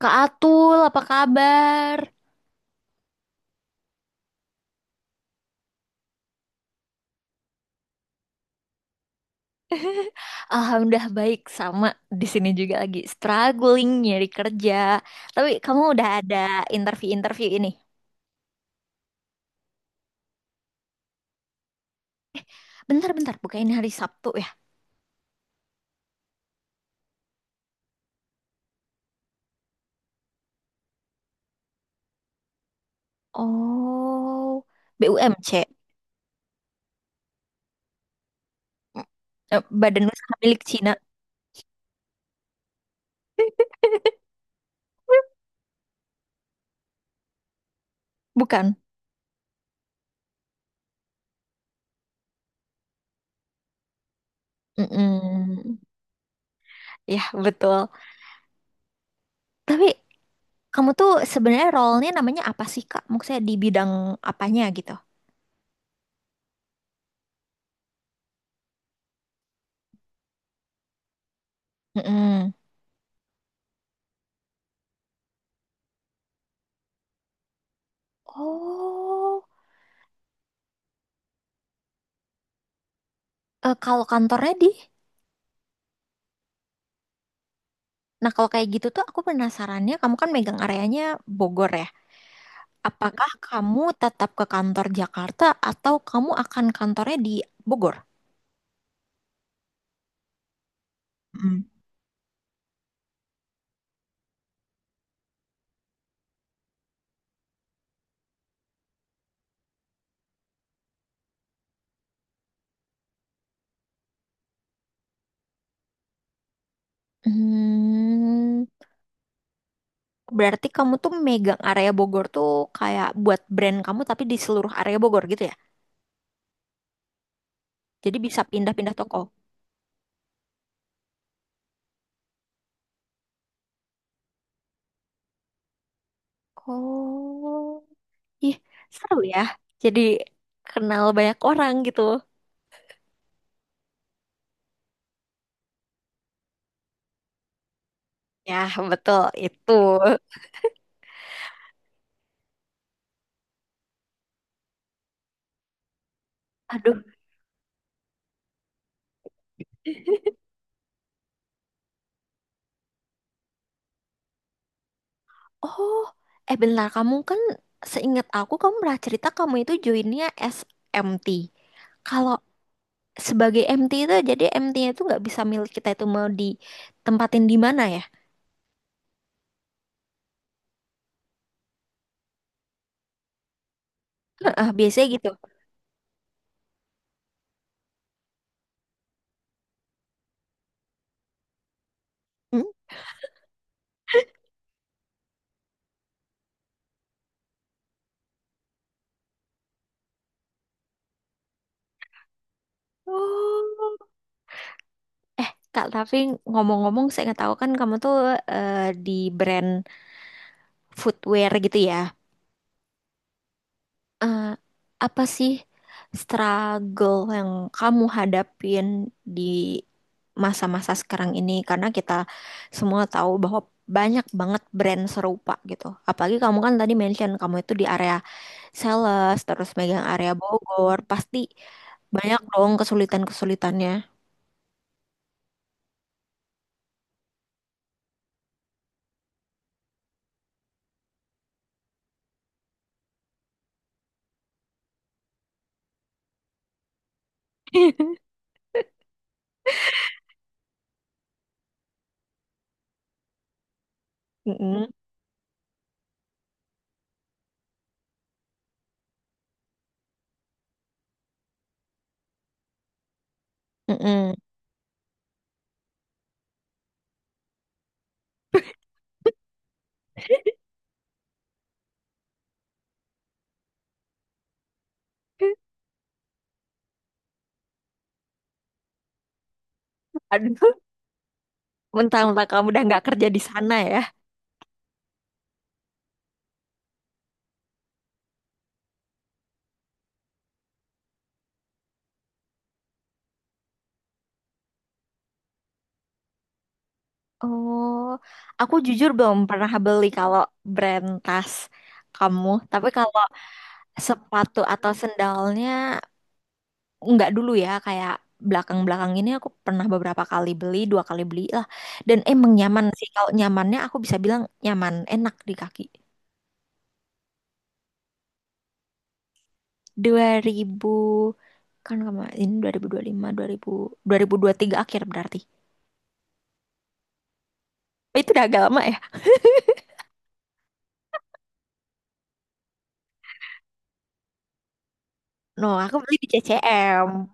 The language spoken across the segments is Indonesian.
Kak Atul, apa kabar? Alhamdulillah baik, sama di sini juga lagi struggling nyari kerja. Tapi kamu udah ada interview-interview ini. Bentar-bentar, bukannya hari Sabtu ya? Oh, BUMC. Mm, Badan Usaha Milik Cina, bukan? Mm-mm. Ya, betul. Tapi kamu tuh sebenarnya role-nya namanya apa sih, Kak? Maksudnya di bidang apanya gitu? Mm-mm. Oh, kalau kantornya di? Nah, kalau kayak gitu tuh aku penasarannya, kamu kan megang areanya Bogor ya. Apakah kamu tetap ke kantor Jakarta atau kamu akan kantornya di Bogor? Hmm, Berarti kamu tuh megang area Bogor tuh kayak buat brand kamu tapi di seluruh area Bogor gitu ya. Jadi bisa pindah-pindah toko. Oh, ih, seru ya. Jadi kenal banyak orang gitu. Ya, betul itu. Aduh. Oh, bentar, kamu kan seingat aku kamu pernah cerita kamu itu joinnya SMT. Kalau sebagai MT itu jadi MT-nya itu nggak bisa milik kita itu mau ditempatin di mana ya? Heeh, biasanya gitu. Hmm? Oh. Eh, Kak, tapi ngomong-ngomong seingat aku kan kamu tuh eh, di brand footwear gitu ya. eh, apa sih struggle yang kamu hadapin di masa-masa sekarang ini? Karena kita semua tahu bahwa banyak banget brand serupa gitu. Apalagi kamu kan tadi mention kamu itu di area sales, terus megang area Bogor, pasti banyak dong kesulitan-kesulitannya. Mm-mm. Mm-mm. Aduh, mentang-mentang kamu udah nggak kerja di sana ya. Oh, aku jujur belum pernah beli kalau brand tas kamu. Tapi kalau sepatu atau sendalnya nggak dulu ya, kayak belakang-belakang ini aku pernah beberapa kali beli, dua kali beli lah. Dan emang nyaman sih. Kalau nyamannya aku bisa bilang nyaman, enak di kaki. Dua ribu kan kemarin dua dua dua puluh lima, dua ribu ribu ribu puluh lima dua puluh tiga akhir berarti. Oh, itu udah agak lama ya? No, aku beli di CCM.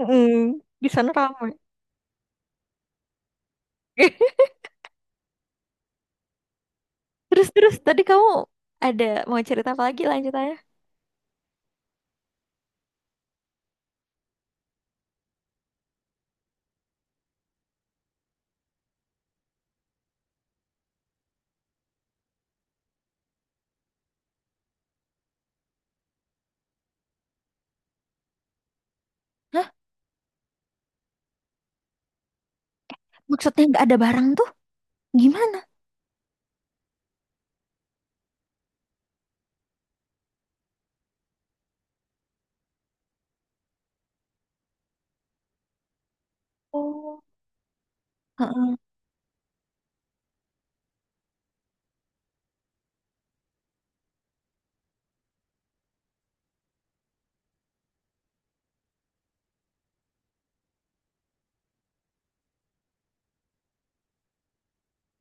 Mm, di sana ramai. Terus terus tadi kamu ada mau cerita apa lagi lanjutannya? Hah? Maksudnya nggak ada barang tuh? Gimana? Oh. Heeh.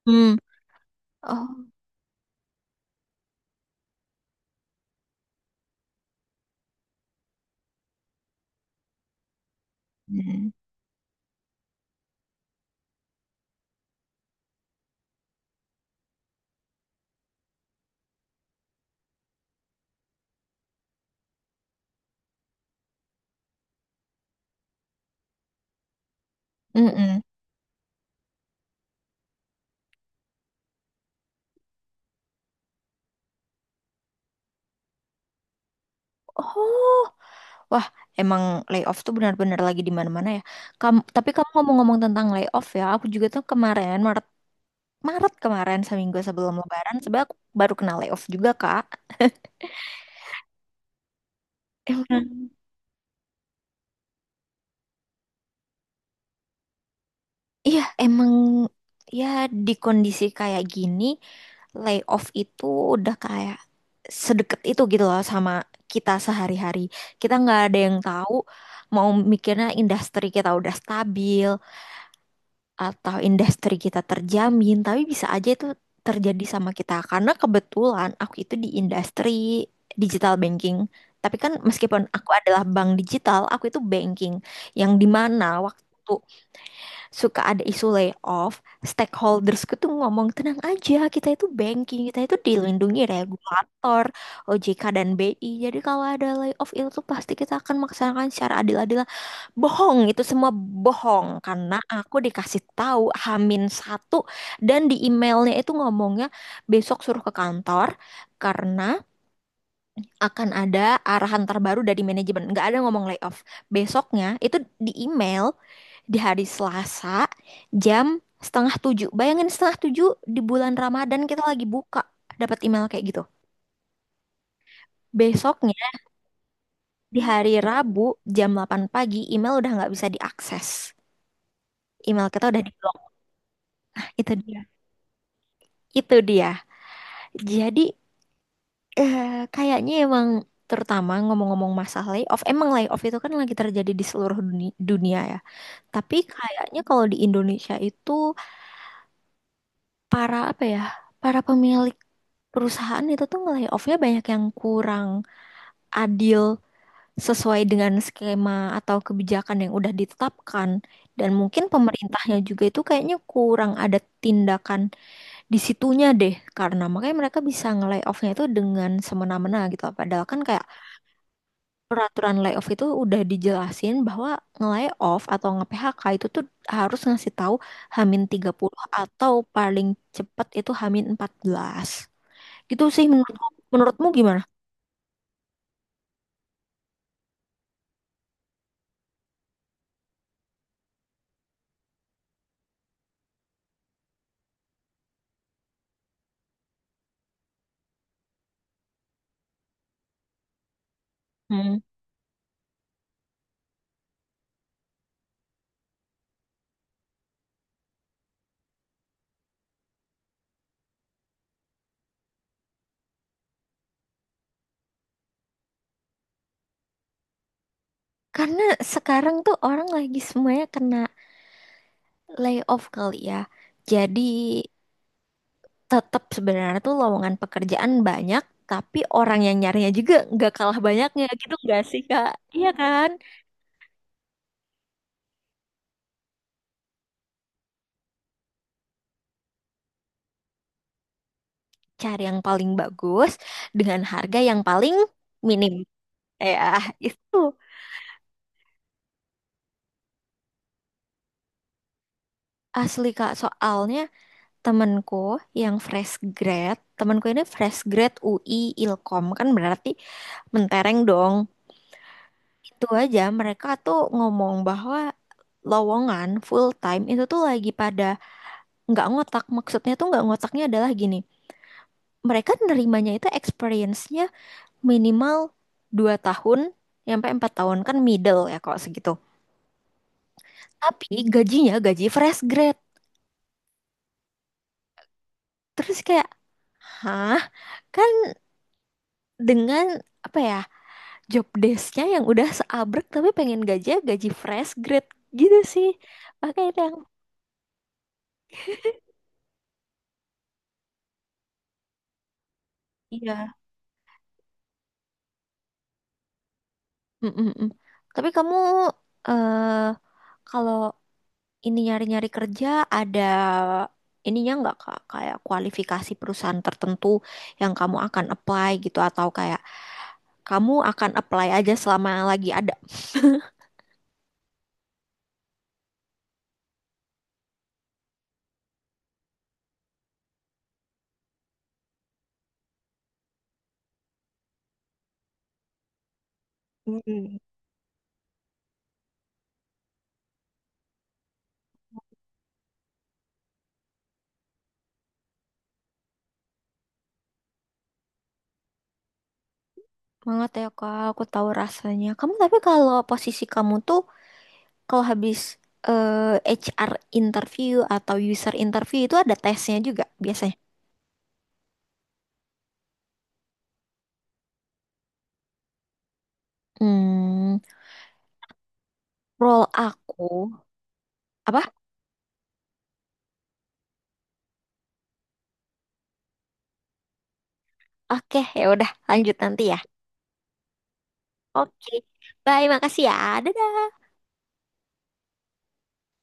Hmm. Oh. Hmm. Mm-mm. Oh. Wah, emang layoff tuh benar-benar lagi di mana-mana ya. Kamu, tapi kamu ngomong-ngomong tentang layoff ya, aku juga tuh kemarin Maret, Maret kemarin seminggu sebelum Lebaran, sebab aku baru kena layoff juga, Kak. Emang. Iya, emang ya di kondisi kayak gini, layoff itu udah kayak sedekat itu gitu loh sama kita sehari-hari. Kita nggak ada yang tahu mau mikirnya industri kita udah stabil atau industri kita terjamin, tapi bisa aja itu terjadi sama kita. Karena kebetulan aku itu di industri digital banking. Tapi kan meskipun aku adalah bank digital, aku itu banking yang dimana waktu suka ada isu layoff, stakeholdersku tuh ngomong tenang aja, kita itu banking, kita itu dilindungi regulator, OJK dan BI. Jadi kalau ada layoff itu tuh pasti kita akan melaksanakan secara adil-adil. Bohong, itu semua bohong karena aku dikasih tahu H-1 dan di emailnya itu ngomongnya besok suruh ke kantor karena akan ada arahan terbaru dari manajemen. Nggak ada ngomong layoff. Besoknya itu di email di hari Selasa jam setengah tujuh. Bayangin setengah tujuh di bulan Ramadan kita lagi buka dapat email kayak gitu. Besoknya di hari Rabu jam 8 pagi email udah nggak bisa diakses. Email kita udah diblok. Itu dia. Itu dia. Jadi eh, kayaknya emang terutama ngomong-ngomong masalah layoff, emang layoff itu kan lagi terjadi di seluruh dunia ya. Tapi kayaknya kalau di Indonesia itu para apa ya, para pemilik perusahaan itu tuh nge-layoff-nya banyak yang kurang adil sesuai dengan skema atau kebijakan yang udah ditetapkan. Dan mungkin pemerintahnya juga itu kayaknya kurang ada tindakan di situnya deh, karena makanya mereka bisa nge-layoff-nya itu dengan semena-mena gitu. Padahal kan kayak peraturan layoff itu udah dijelasin bahwa nge-layoff atau nge-PHK itu tuh harus ngasih tahu H-30 atau paling cepat itu H-14. Gitu sih menurutmu gimana? Hmm. Karena sekarang tuh orang lagi semuanya kena layoff kali ya. Jadi tetap sebenarnya tuh lowongan pekerjaan banyak, tapi orang yang nyarinya juga nggak kalah banyaknya gitu nggak sih, Kak? Iya kan? Cari yang paling bagus dengan harga yang paling minim. Ya, itu asli Kak. Soalnya temenku yang fresh grad, temenku ini fresh grad UI Ilkom kan berarti mentereng dong. Itu aja mereka tuh ngomong bahwa lowongan full time itu tuh lagi pada nggak ngotak. Maksudnya tuh nggak ngotaknya adalah gini. Mereka nerimanya itu experience-nya minimal 2 tahun sampai 4 tahun kan middle ya kok segitu. Tapi gajinya gaji fresh grade. Terus kayak, hah? Kan dengan apa ya job desk-nya yang udah seabrek tapi pengen gajinya gaji fresh grade gitu sih. Makanya itu yang iya. Mm, mm, mm. Tapi kamu eh kalau ini nyari-nyari kerja ada ininya nggak Kak? Kayak kualifikasi perusahaan tertentu yang kamu akan apply gitu atau kayak kamu akan apply aja selama lagi ada. banget ya kak, aku tahu rasanya. Kamu tapi kalau posisi kamu tuh kalau habis eh, HR interview atau user interview itu ada tesnya juga biasanya. Hmm, Role aku apa? Oke, ya udah lanjut nanti ya. Oke, bye, makasih ya, dadah.